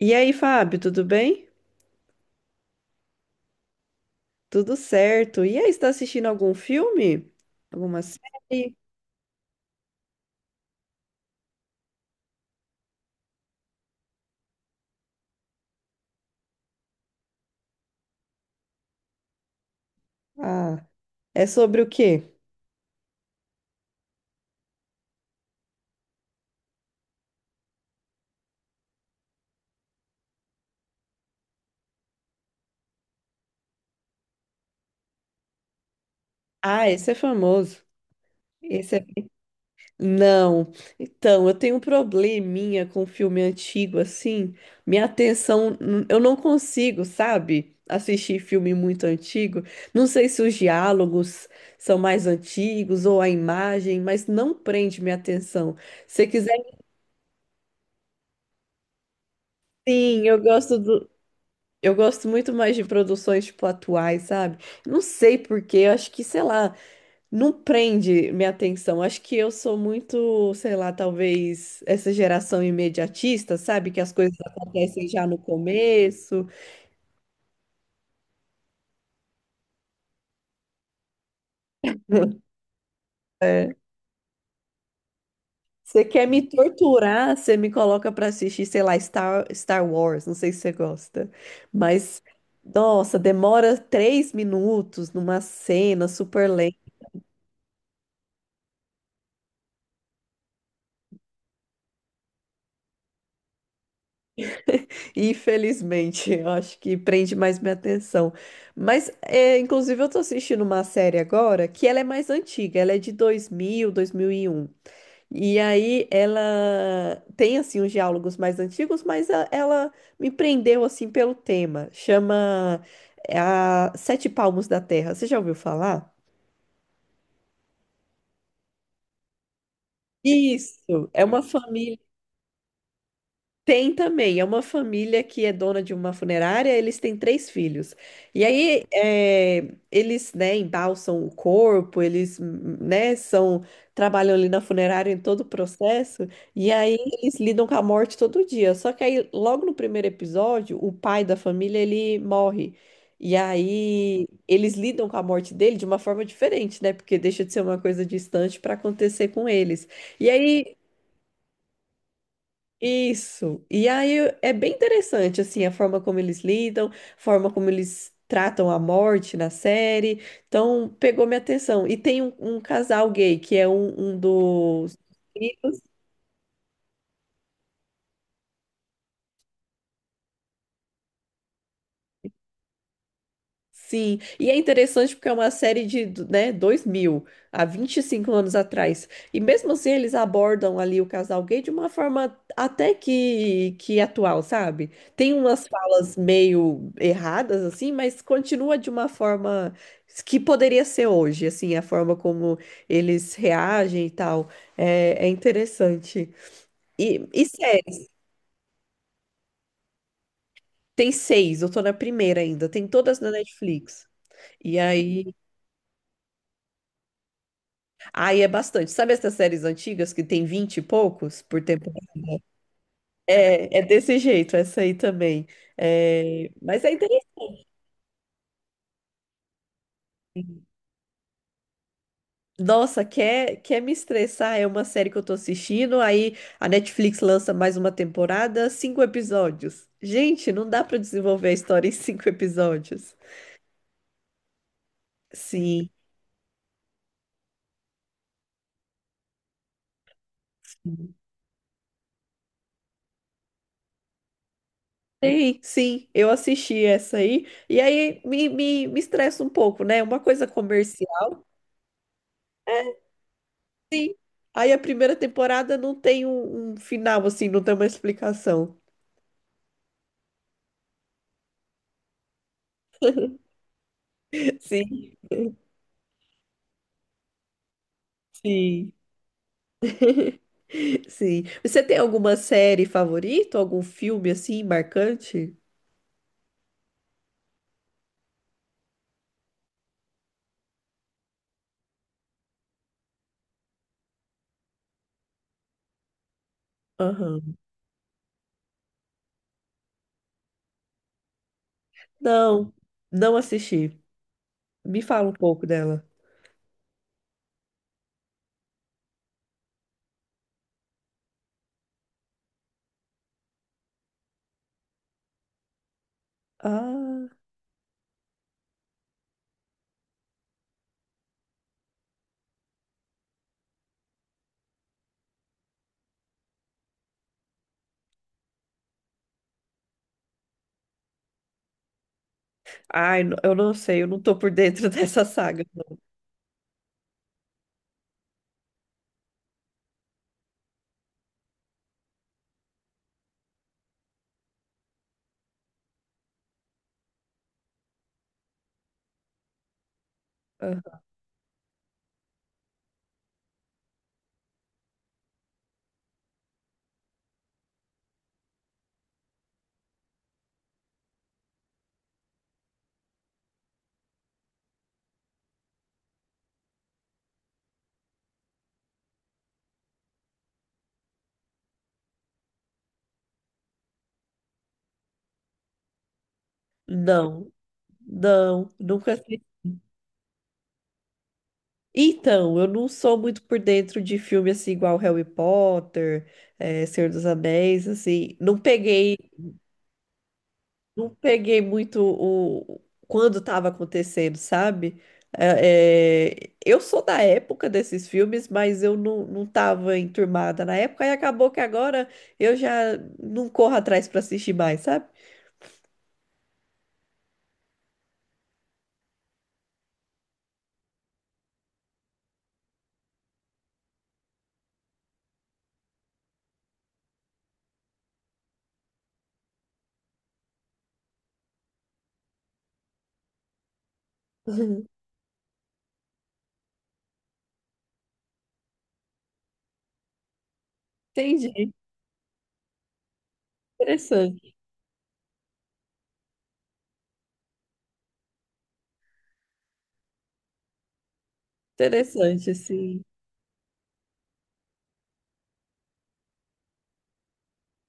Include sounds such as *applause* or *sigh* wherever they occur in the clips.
E aí, Fábio, tudo bem? Tudo certo. E aí, está assistindo algum filme? Alguma série? Ah, é sobre o quê? Ah, esse é famoso. Esse é... Não. Então, eu tenho um probleminha com filme antigo, assim. Minha atenção, eu não consigo, sabe? Assistir filme muito antigo. Não sei se os diálogos são mais antigos ou a imagem, mas não prende minha atenção. Se quiser, sim, eu gosto do. Eu gosto muito mais de produções, tipo, atuais, sabe? Não sei por quê, eu acho que, sei lá, não prende minha atenção. Acho que eu sou muito, sei lá, talvez essa geração imediatista, sabe? Que as coisas acontecem já no começo. É. Você quer me torturar, você me coloca pra assistir, sei lá, Star Wars, não sei se você gosta. Mas, nossa, demora 3 minutos numa cena super lenta. Infelizmente, *laughs* eu acho que prende mais minha atenção. Mas, é, inclusive, eu tô assistindo uma série agora que ela é mais antiga, ela é de 2000, 2001. E um. E aí ela tem, assim, os diálogos mais antigos, mas ela me prendeu, assim, pelo tema. Chama a Sete Palmos da Terra. Você já ouviu falar? Isso, é uma família. Tem também, é uma família que é dona de uma funerária, eles têm três filhos. E aí, eles, né, embalsam o corpo, eles, né, são, trabalham ali na funerária em todo o processo, e aí eles lidam com a morte todo dia. Só que aí, logo no primeiro episódio, o pai da família, ele morre. E aí, eles lidam com a morte dele de uma forma diferente, né? Porque deixa de ser uma coisa distante para acontecer com eles. E aí, isso. E aí é bem interessante assim a forma como eles lidam, a forma como eles tratam a morte na série. Então pegou minha atenção. E tem um casal gay que é um dos Sim, e é interessante porque é uma série de, né, 2000 há 25 anos atrás. E mesmo assim eles abordam ali o casal gay de uma forma até que atual, sabe? Tem umas falas meio erradas, assim, mas continua de uma forma que poderia ser hoje, assim, a forma como eles reagem e tal. É, interessante. E série, tem seis, eu tô na primeira ainda, tem todas na Netflix. E aí. Aí é bastante. Sabe essas séries antigas que tem 20 e poucos por tempo? É, desse jeito, essa aí também. É, mas é interessante. Nossa, quer me estressar? É uma série que eu tô assistindo, aí a Netflix lança mais uma temporada, cinco episódios. Gente, não dá pra desenvolver a história em cinco episódios. Sim. Sim, sim, eu assisti essa aí, e aí me estressa um pouco, né? Uma coisa comercial. Aí a primeira temporada não tem um final, assim, não tem uma explicação. *laughs* Sim, sim, sim. Você tem alguma série favorita? Algum filme, assim, marcante? Aham. Não, não assisti. Me fala um pouco dela. Ah, ai, eu não sei, eu não tô por dentro *laughs* dessa saga. Não. Aham. Não, não, nunca assisti. Então, eu não sou muito por dentro de filme assim, igual Harry Potter, Senhor dos Anéis, assim. Não peguei muito o quando estava acontecendo, sabe? É, eu sou da época desses filmes, mas eu não tava enturmada na época e acabou que agora eu já não corro atrás para assistir mais, sabe? *laughs* Uhum. Entendi. Interessante, interessante, assim.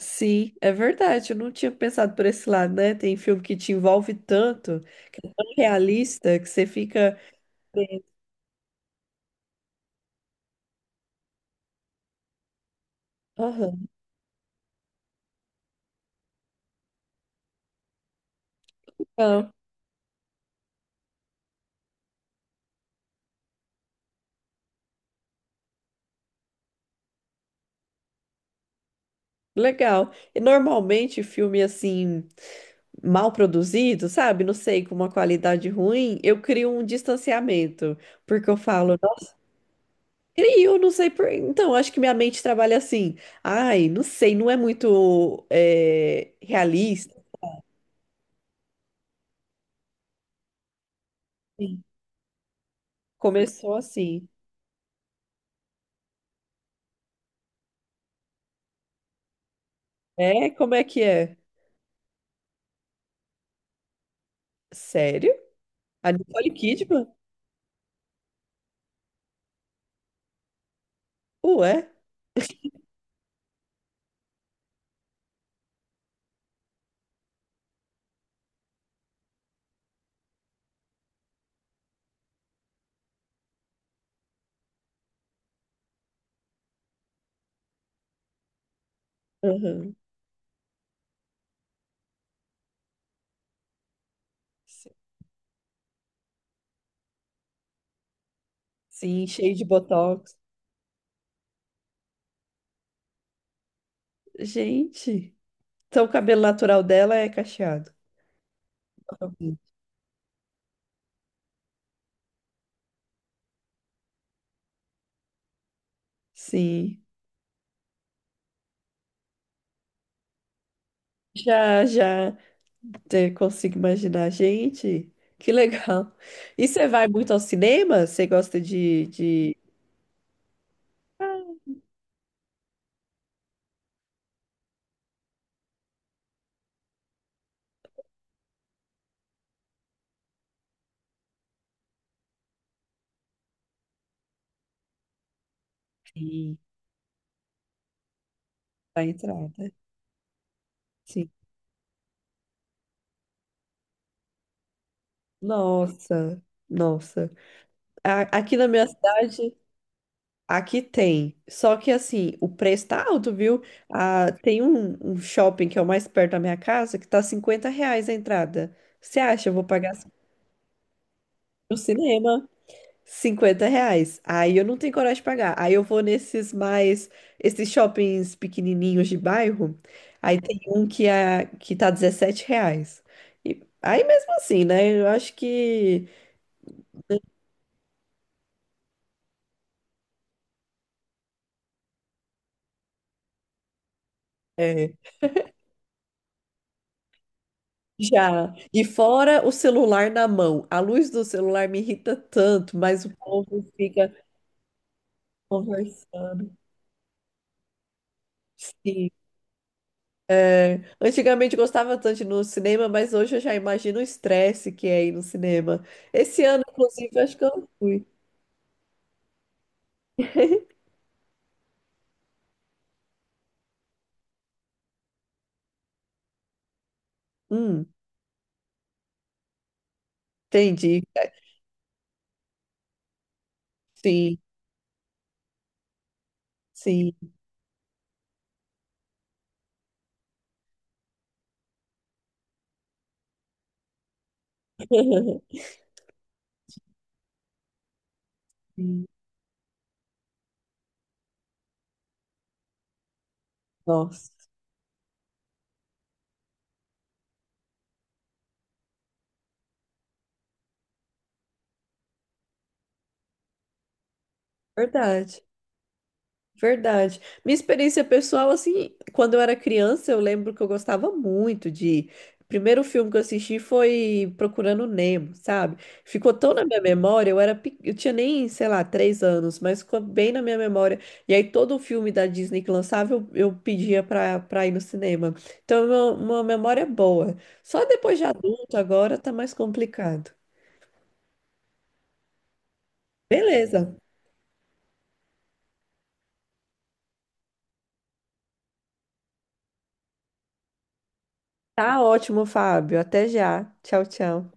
Sim, é verdade. Eu não tinha pensado por esse lado, né? Tem filme que te envolve tanto, que é tão realista, que você fica. Aham, Legal. Legal. E normalmente filme assim. Mal produzido, sabe? Não sei, com uma qualidade ruim, eu crio um distanciamento, porque eu falo, nossa, crio, não sei por. Então, acho que minha mente trabalha assim. Ai, não sei, não é muito realista. Sim. Começou assim. É, como é que é? Sério? A Nicole Kidman? Ué? Aham. Sim, cheio de botox. Gente, então o cabelo natural dela é cacheado. Sim, já, já. Você consigo imaginar, gente, que legal. E você vai muito ao cinema? Você gosta de... Ah, sim, da entrada. Sim. Nossa, nossa. Aqui na minha cidade, aqui tem. Só que assim, o preço tá alto, viu? Ah, tem um shopping que é o mais perto da minha casa que tá R$ 50 a entrada. Você acha? Eu vou pagar no cinema. R$ 50. Aí eu não tenho coragem de pagar. Aí eu vou esses shoppings pequenininhos de bairro. Aí tem um que tá R$ 17. E, aí mesmo assim, né? Eu acho que é, já. E fora o celular na mão. A luz do celular me irrita tanto, mas o povo fica conversando. Sim, antigamente eu gostava tanto de ir no cinema, mas hoje eu já imagino o estresse que é ir no cinema. Esse ano, inclusive, acho que eu não fui. *laughs* Hum, entendi. Sim, sim. *laughs* Sim. Nossa, verdade. Verdade. Minha experiência pessoal, assim, quando eu era criança, eu lembro que eu gostava muito de. O primeiro filme que eu assisti foi Procurando Nemo, sabe? Ficou tão na minha memória, eu tinha nem, sei lá, 3 anos, mas ficou bem na minha memória. E aí todo filme da Disney que lançava, eu pedia pra ir no cinema. Então, é uma memória boa. Só depois de adulto, agora tá mais complicado. Beleza. Tá ótimo, Fábio. Até já. Tchau, tchau.